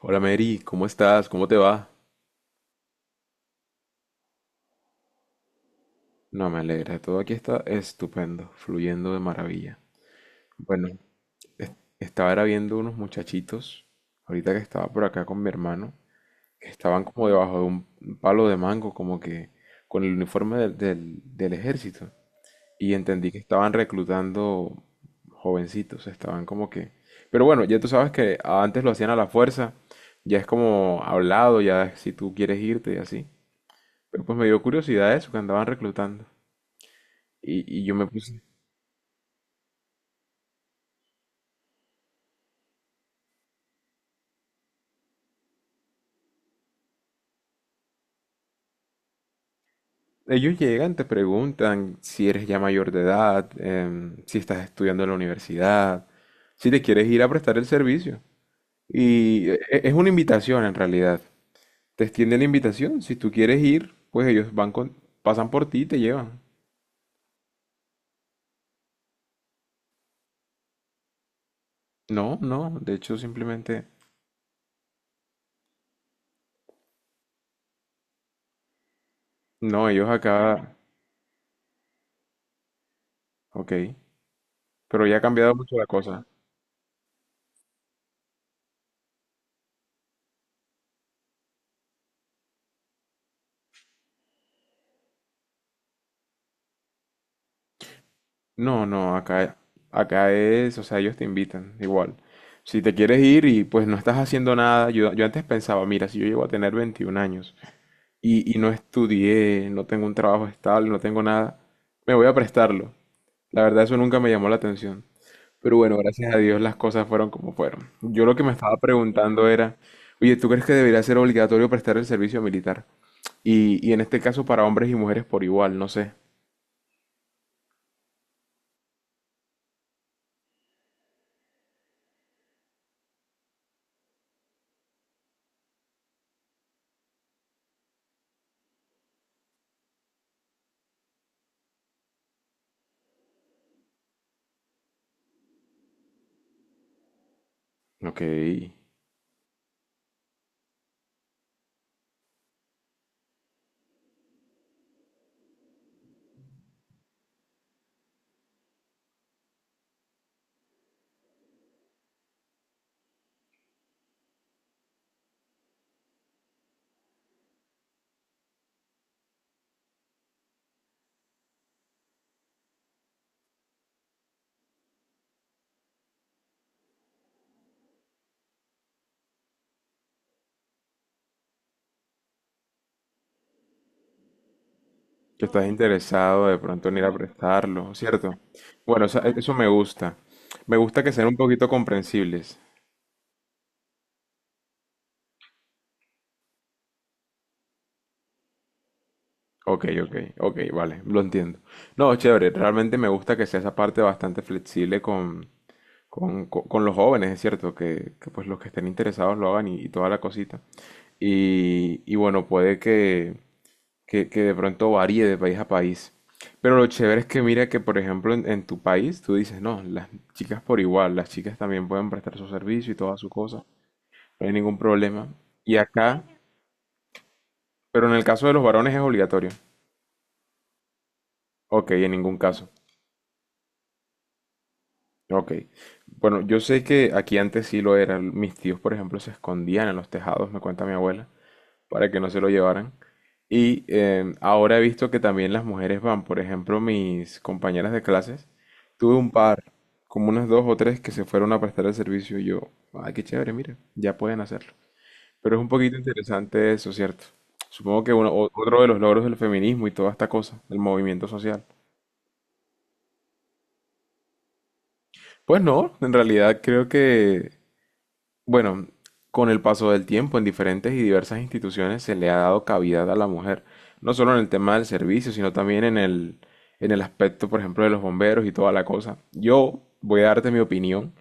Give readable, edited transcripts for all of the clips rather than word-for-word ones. Hola Mary, ¿cómo estás? ¿Cómo te va? No, me alegra, todo aquí está estupendo, fluyendo de maravilla. Bueno, estaba era viendo unos muchachitos, ahorita que estaba por acá con mi hermano, que estaban como debajo de un palo de mango, como que con el uniforme del ejército. Y entendí que estaban reclutando jovencitos, estaban como que... Pero bueno, ya tú sabes que antes lo hacían a la fuerza, ya es como hablado, ya si tú quieres irte y así. Pero pues me dio curiosidad eso, que andaban reclutando. Y yo me puse... Ellos llegan, te preguntan si eres ya mayor de edad, si estás estudiando en la universidad, si te quieres ir a prestar el servicio. Y es una invitación en realidad. Te extienden la invitación. Si tú quieres ir, pues ellos van con, pasan por ti y te llevan. No, no, de hecho simplemente... No, ellos acá... Ok. Pero ya ha cambiado mucho la cosa. No, no, acá, acá es, o sea, ellos te invitan, igual. Si te quieres ir y pues no estás haciendo nada, yo antes pensaba, mira, si yo llego a tener 21 años y no estudié, no tengo un trabajo estable, no tengo nada, me voy a prestarlo. La verdad, eso nunca me llamó la atención. Pero bueno, gracias a Dios las cosas fueron como fueron. Yo lo que me estaba preguntando era, oye, ¿tú crees que debería ser obligatorio prestar el servicio militar? Y en este caso para hombres y mujeres por igual, no sé. Ok, que estás interesado de pronto en ir a prestarlo, ¿cierto? Bueno, o sea, eso me gusta. Me gusta que sean un poquito comprensibles. Ok, ok, ok, vale, lo entiendo. No, chévere, realmente me gusta que sea esa parte bastante flexible con los jóvenes, es cierto, que pues los que estén interesados lo hagan y toda la cosita. Y bueno, puede que, que de pronto varíe de país a país. Pero lo chévere es que mira que, por ejemplo, en tu país tú dices, no, las chicas por igual, las chicas también pueden prestar su servicio y toda su cosa, no hay ningún problema. Y acá, pero en el caso de los varones es obligatorio. Ok, en ningún caso. Ok. Bueno, yo sé que aquí antes sí lo era. Mis tíos, por ejemplo, se escondían en los tejados, me cuenta mi abuela, para que no se lo llevaran. Y ahora he visto que también las mujeres van, por ejemplo, mis compañeras de clases, tuve un par, como unas dos o tres que se fueron a prestar el servicio y yo, ay, qué chévere, mira, ya pueden hacerlo. Pero es un poquito interesante eso, ¿cierto? Supongo que otro de los logros del feminismo y toda esta cosa, del movimiento social. Pues no, en realidad creo que bueno, con el paso del tiempo en diferentes y diversas instituciones se le ha dado cavidad a la mujer, no solo en el tema del servicio, sino también en el aspecto, por ejemplo, de los bomberos y toda la cosa. Yo voy a darte mi opinión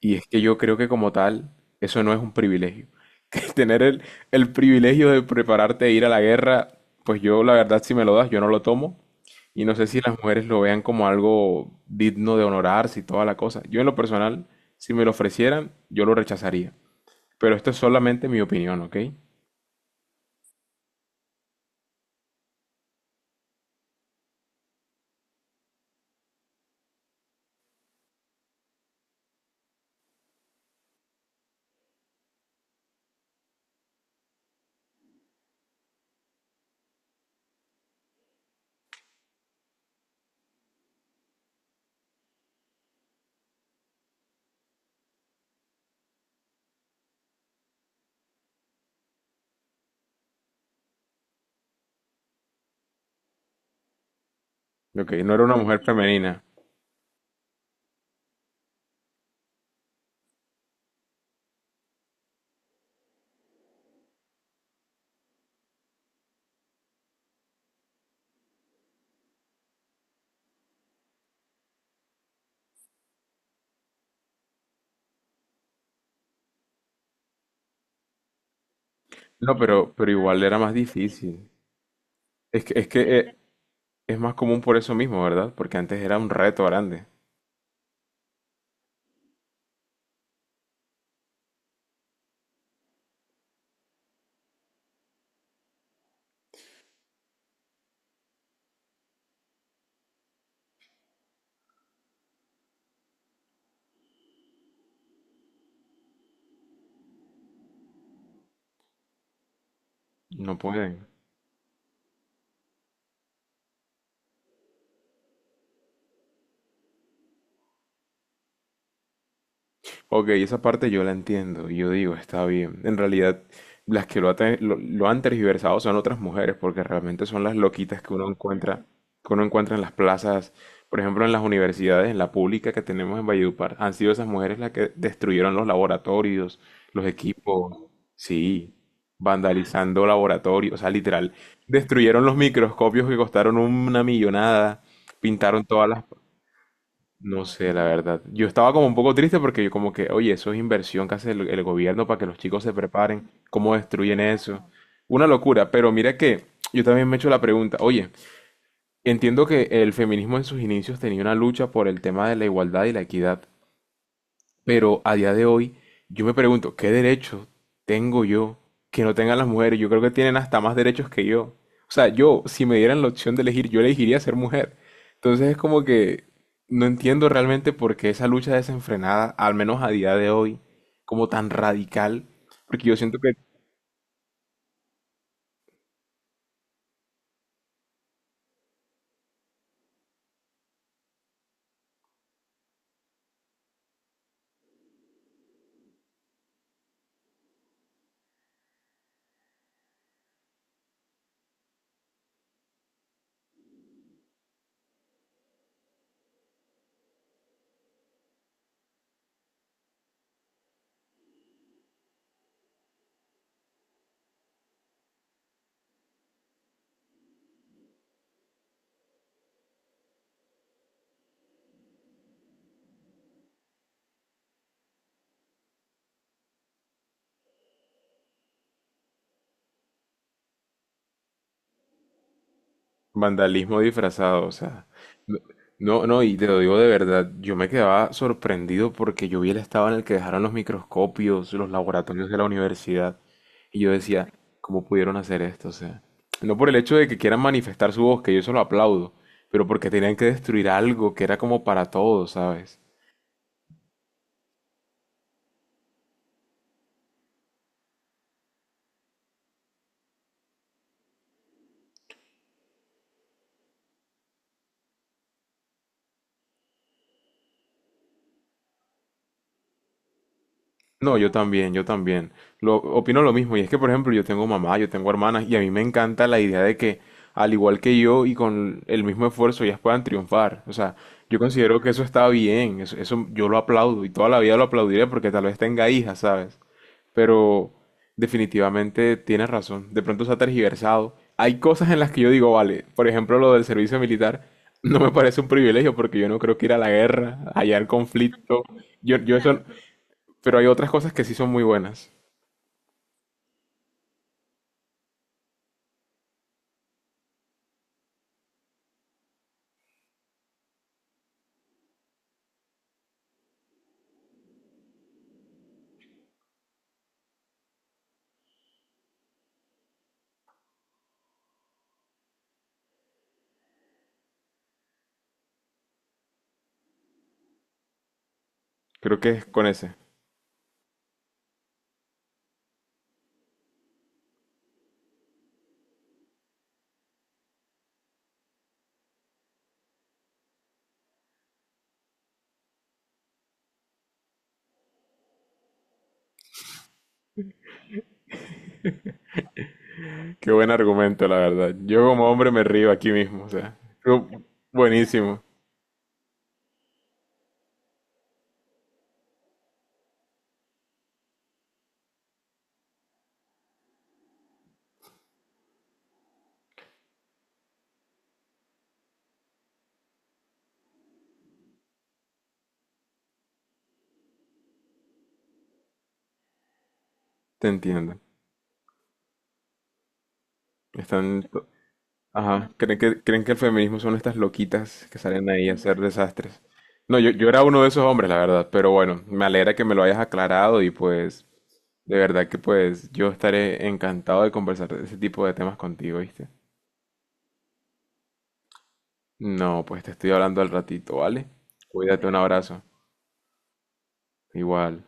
y es que yo creo que como tal eso no es un privilegio. Que tener el privilegio de prepararte a ir a la guerra, pues yo la verdad si me lo das, yo no lo tomo. Y no sé si las mujeres lo vean como algo digno de honorarse y toda la cosa. Yo en lo personal, si me lo ofrecieran, yo lo rechazaría. Pero esto es solamente mi opinión, ¿ok? Ok, no era una mujer femenina. No, pero igual era más difícil. Es que, es que, es más común por eso mismo, ¿verdad? Porque antes era un reto grande. No pueden. Ok, esa parte yo la entiendo y yo digo, está bien. En realidad, las que lo, ha te- lo han tergiversado son otras mujeres porque realmente son las loquitas que uno encuentra en las plazas, por ejemplo, en las universidades, en la pública que tenemos en Valledupar. Han sido esas mujeres las que destruyeron los laboratorios, los equipos, sí, vandalizando laboratorios, o sea, literal, destruyeron los microscopios que costaron una millonada, pintaron todas las... no sé, la verdad. Yo estaba como un poco triste porque yo como que, oye, eso es inversión que hace el gobierno para que los chicos se preparen, cómo destruyen eso. Una locura, pero mira que yo también me he hecho la pregunta, oye, entiendo que el feminismo en sus inicios tenía una lucha por el tema de la igualdad y la equidad, pero a día de hoy, yo me pregunto, ¿qué derechos tengo yo que no tengan las mujeres? Yo creo que tienen hasta más derechos que yo. O sea, yo, si me dieran la opción de elegir, yo elegiría ser mujer. Entonces es como que no entiendo realmente por qué esa lucha desenfrenada, al menos a día de hoy, como tan radical, porque yo siento que... Vandalismo disfrazado, o sea. No, no, no, y te lo digo de verdad, yo me quedaba sorprendido porque yo vi el estado en el que dejaron los microscopios, los laboratorios de la universidad, y yo decía, ¿cómo pudieron hacer esto? O sea, no por el hecho de que quieran manifestar su voz, que yo eso lo aplaudo, pero porque tenían que destruir algo que era como para todos, ¿sabes? No, yo también, yo también. Opino lo mismo. Y es que, por ejemplo, yo tengo mamá, yo tengo hermanas, y a mí me encanta la idea de que, al igual que yo y con el mismo esfuerzo, ellas puedan triunfar. O sea, yo considero que eso está bien, eso yo lo aplaudo y toda la vida lo aplaudiré porque tal vez tenga hijas, ¿sabes? Pero definitivamente tienes razón. De pronto se ha tergiversado. Hay cosas en las que yo digo, vale, por ejemplo, lo del servicio militar. No me parece un privilegio porque yo no creo que ir a la guerra, hallar conflicto. Yo eso, pero hay otras cosas que sí son muy buenas. Creo que es con ese. Qué buen argumento, la verdad. Yo como hombre me río aquí mismo, o sea, creo... Buenísimo. Te entiendo. Están... to... Ajá. Creen que el feminismo son estas loquitas que salen ahí a hacer desastres? No, yo era uno de esos hombres, la verdad. Pero bueno, me alegra que me lo hayas aclarado y pues... De verdad que pues yo estaré encantado de conversar de ese tipo de temas contigo, ¿viste? No, pues te estoy hablando al ratito, ¿vale? Cuídate, un abrazo. Igual.